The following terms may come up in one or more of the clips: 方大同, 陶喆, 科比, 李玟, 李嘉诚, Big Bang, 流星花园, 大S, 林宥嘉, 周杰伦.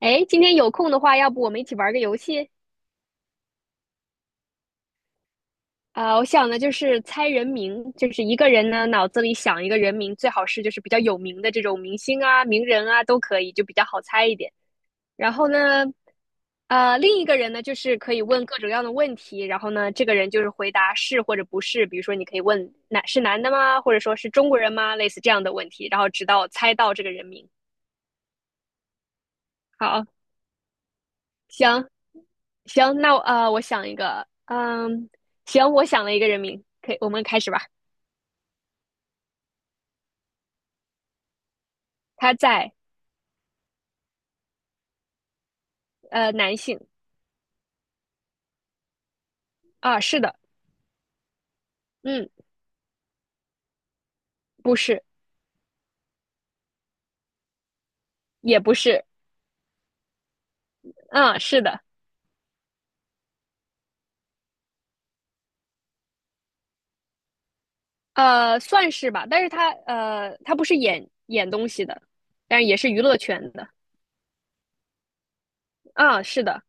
哎，今天有空的话，要不我们一起玩个游戏？我想的就是猜人名，就是一个人呢脑子里想一个人名，最好是就是比较有名的这种明星啊、名人啊都可以，就比较好猜一点。然后呢，另一个人呢就是可以问各种各样的问题，然后呢，这个人就是回答是或者不是，比如说你可以问男是男的吗，或者说是中国人吗，类似这样的问题，然后直到猜到这个人名。好，行行，那我我想一个，嗯，行，我想了一个人名，可以，我们开始吧。他在男性啊，是的，嗯，不是，也不是，啊，是的，算是吧，但是他他不是演东西的，但是也是娱乐圈的，啊，是的，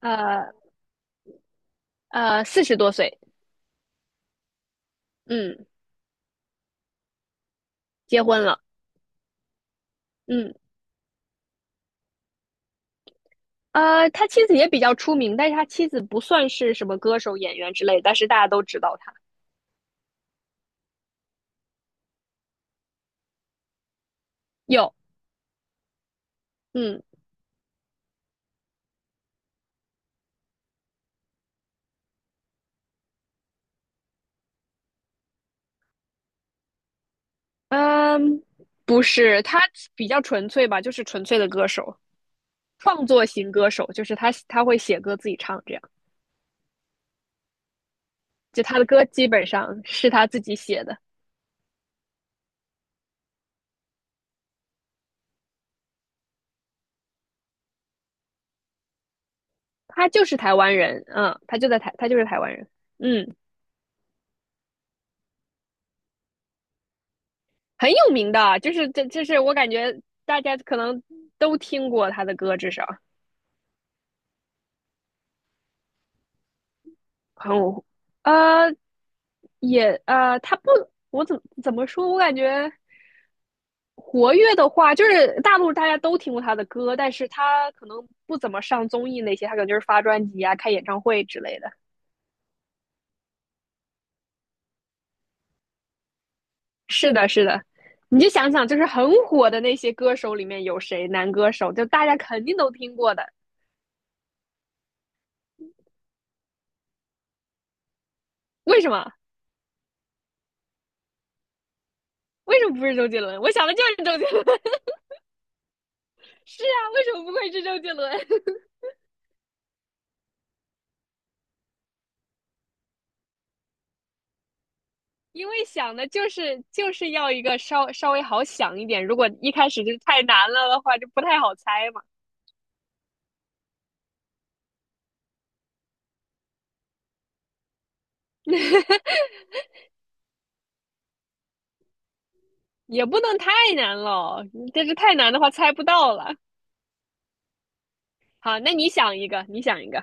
呃四十多岁，嗯，结婚了，嗯。他妻子也比较出名，但是他妻子不算是什么歌手、演员之类，但是大家都知道他。有，嗯，嗯，不是，他比较纯粹吧，就是纯粹的歌手，创作型歌手，就是他会写歌自己唱，这样，就他的歌基本上是他自己写的。他就是台湾人，嗯，他就在台，他就是台湾人，嗯，很有名的，就是这，就是我感觉大家可能都听过他的歌，至少很，呃，也他不，我怎么说，我感觉。活跃的话，就是大陆大家都听过他的歌，但是他可能不怎么上综艺那些，他可能就是发专辑啊、开演唱会之类的。是的，是的，你就想想，就是很火的那些歌手里面有谁男歌手，就大家肯定都听过的。为什么？为什么不是周杰伦？我想的就是周杰伦。是啊，为什么不会是周杰伦？因为想的就是要一个稍微好想一点，如果一开始就太难了的话，就不太好猜嘛。也不能太难了，你这是太难的话猜不到了。好，那你想一个，你想一个，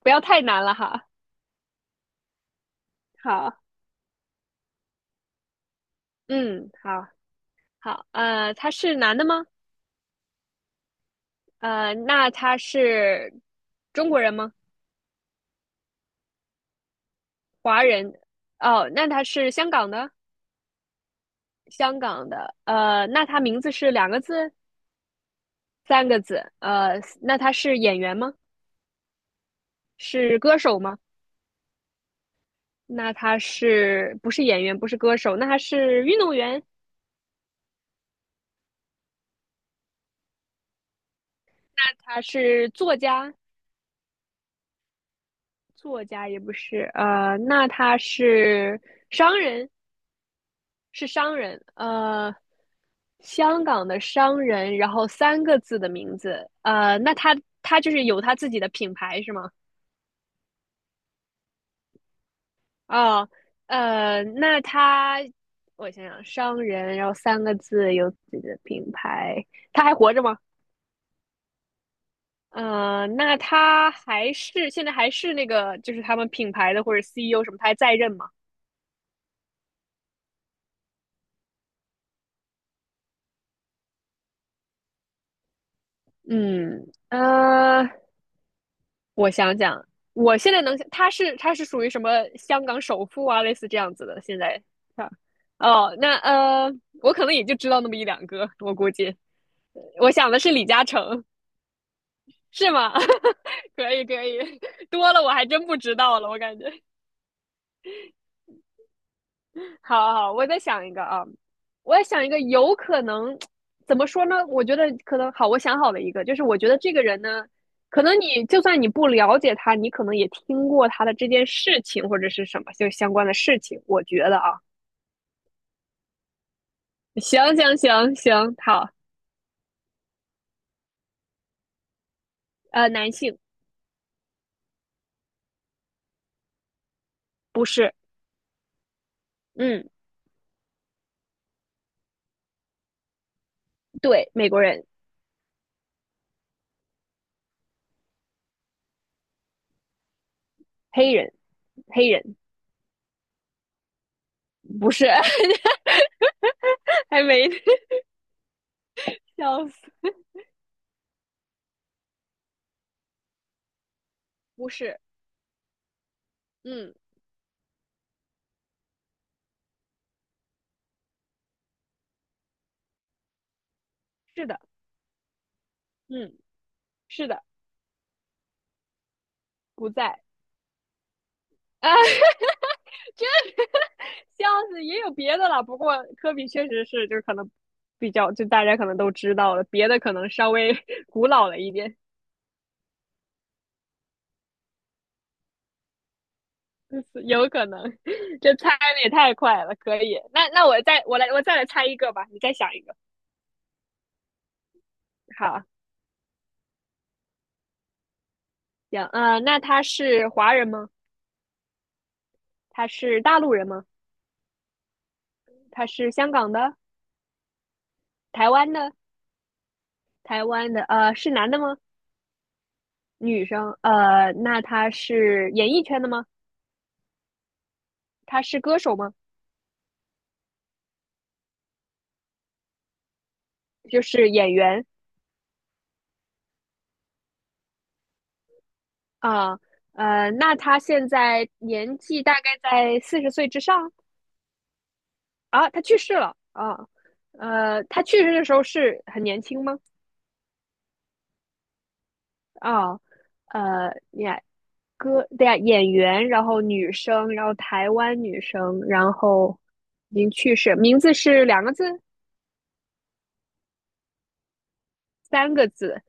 不要太难了哈。好，嗯，好，好，他是男的吗？那他是中国人吗？华人？哦，那他是香港的，香港的。那他名字是两个字、三个字？那他是演员吗？是歌手吗？那他是不是演员？不是歌手？那他是运动员？他是作家？作家也不是，那他是商人，是商人，香港的商人，然后三个字的名字，那他就是有他自己的品牌是吗？哦，那他我想想，商人，然后三个字，有自己的品牌，他还活着吗？那他还是现在还是那个，就是他们品牌的或者 CEO 什么，他还在任吗？嗯，我想想，我现在能想，他是属于什么香港首富啊，类似这样子的。现在啊，哦，那我可能也就知道那么一两个，我估计。我想的是李嘉诚，是吗？可以可以，多了我还真不知道了，我感觉。好好好我再想一个啊，我也想一个，有可能怎么说呢？我觉得可能好，我想好了一个，就是我觉得这个人呢，可能你就算你不了解他，你可能也听过他的这件事情或者是什么就相关的事情。我觉得啊，行行行行，好，男性不是，嗯，对，美国人，黑人，黑人不是，还没笑死，不是，嗯，是的，嗯，是的，不在啊。这 笑死，也有别的了。不过科比确实是，就是可能比较，就大家可能都知道了，别的可能稍微 古老了一点，有可能。这猜的也太快了，可以。那我再来猜一个吧，你再想一个。好，行，那他是华人吗？他是大陆人吗？他是香港的、台湾的、台湾的，是男的吗？女生，那他是演艺圈的吗？他是歌手吗？就是演员。啊，那他现在年纪大概在四十岁之上啊，他去世了啊，他去世的时候是很年轻吗？啊，呃，呀，歌，对呀，演员，然后女生，然后台湾女生，然后已经去世，名字是两个字，三个字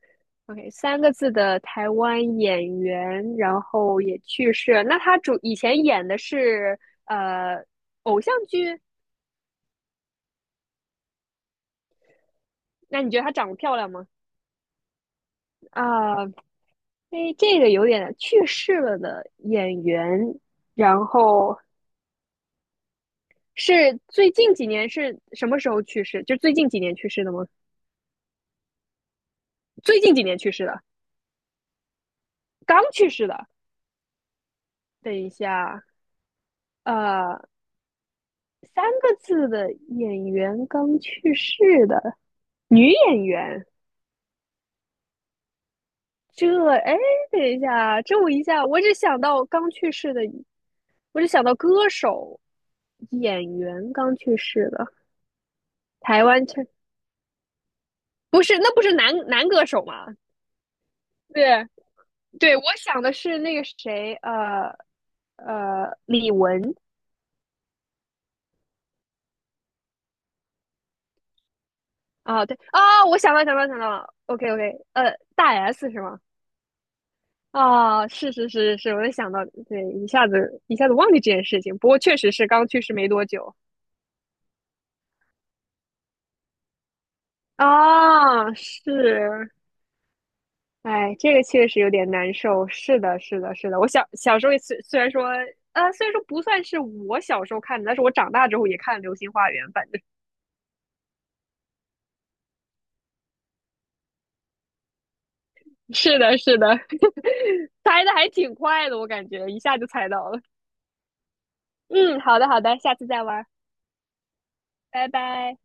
，OK，三个字的台湾演员，然后也去世了。那他主以前演的是呃偶像剧，那你觉得她长得漂亮吗？啊，哎，这个有点去世了的演员，然后是最近几年是什么时候去世？就最近几年去世的吗？最近几年去世的，刚去世的。等一下，呃，三个字的演员刚去世的女演员，这哎，等一下，这我一下我只想到刚去世的，我只想到歌手，演员刚去世的。台湾腔不是，那不是男歌手吗？对对，我想的是那个谁，李玟啊，对啊，我想到了，OK OK，大 S 是吗？啊，是是是是，我也想到，对，一下子忘记这件事情，不过确实是刚去世没多久啊，是哎，这个确实有点难受。是的，是的，是的。我小时候也虽然说，虽然说不算是我小时候看的，但是我长大之后也看《流星花园》，反正是的，是的，猜的还挺快的，我感觉一下就猜到了。嗯，好的，好的，下次再玩，拜拜。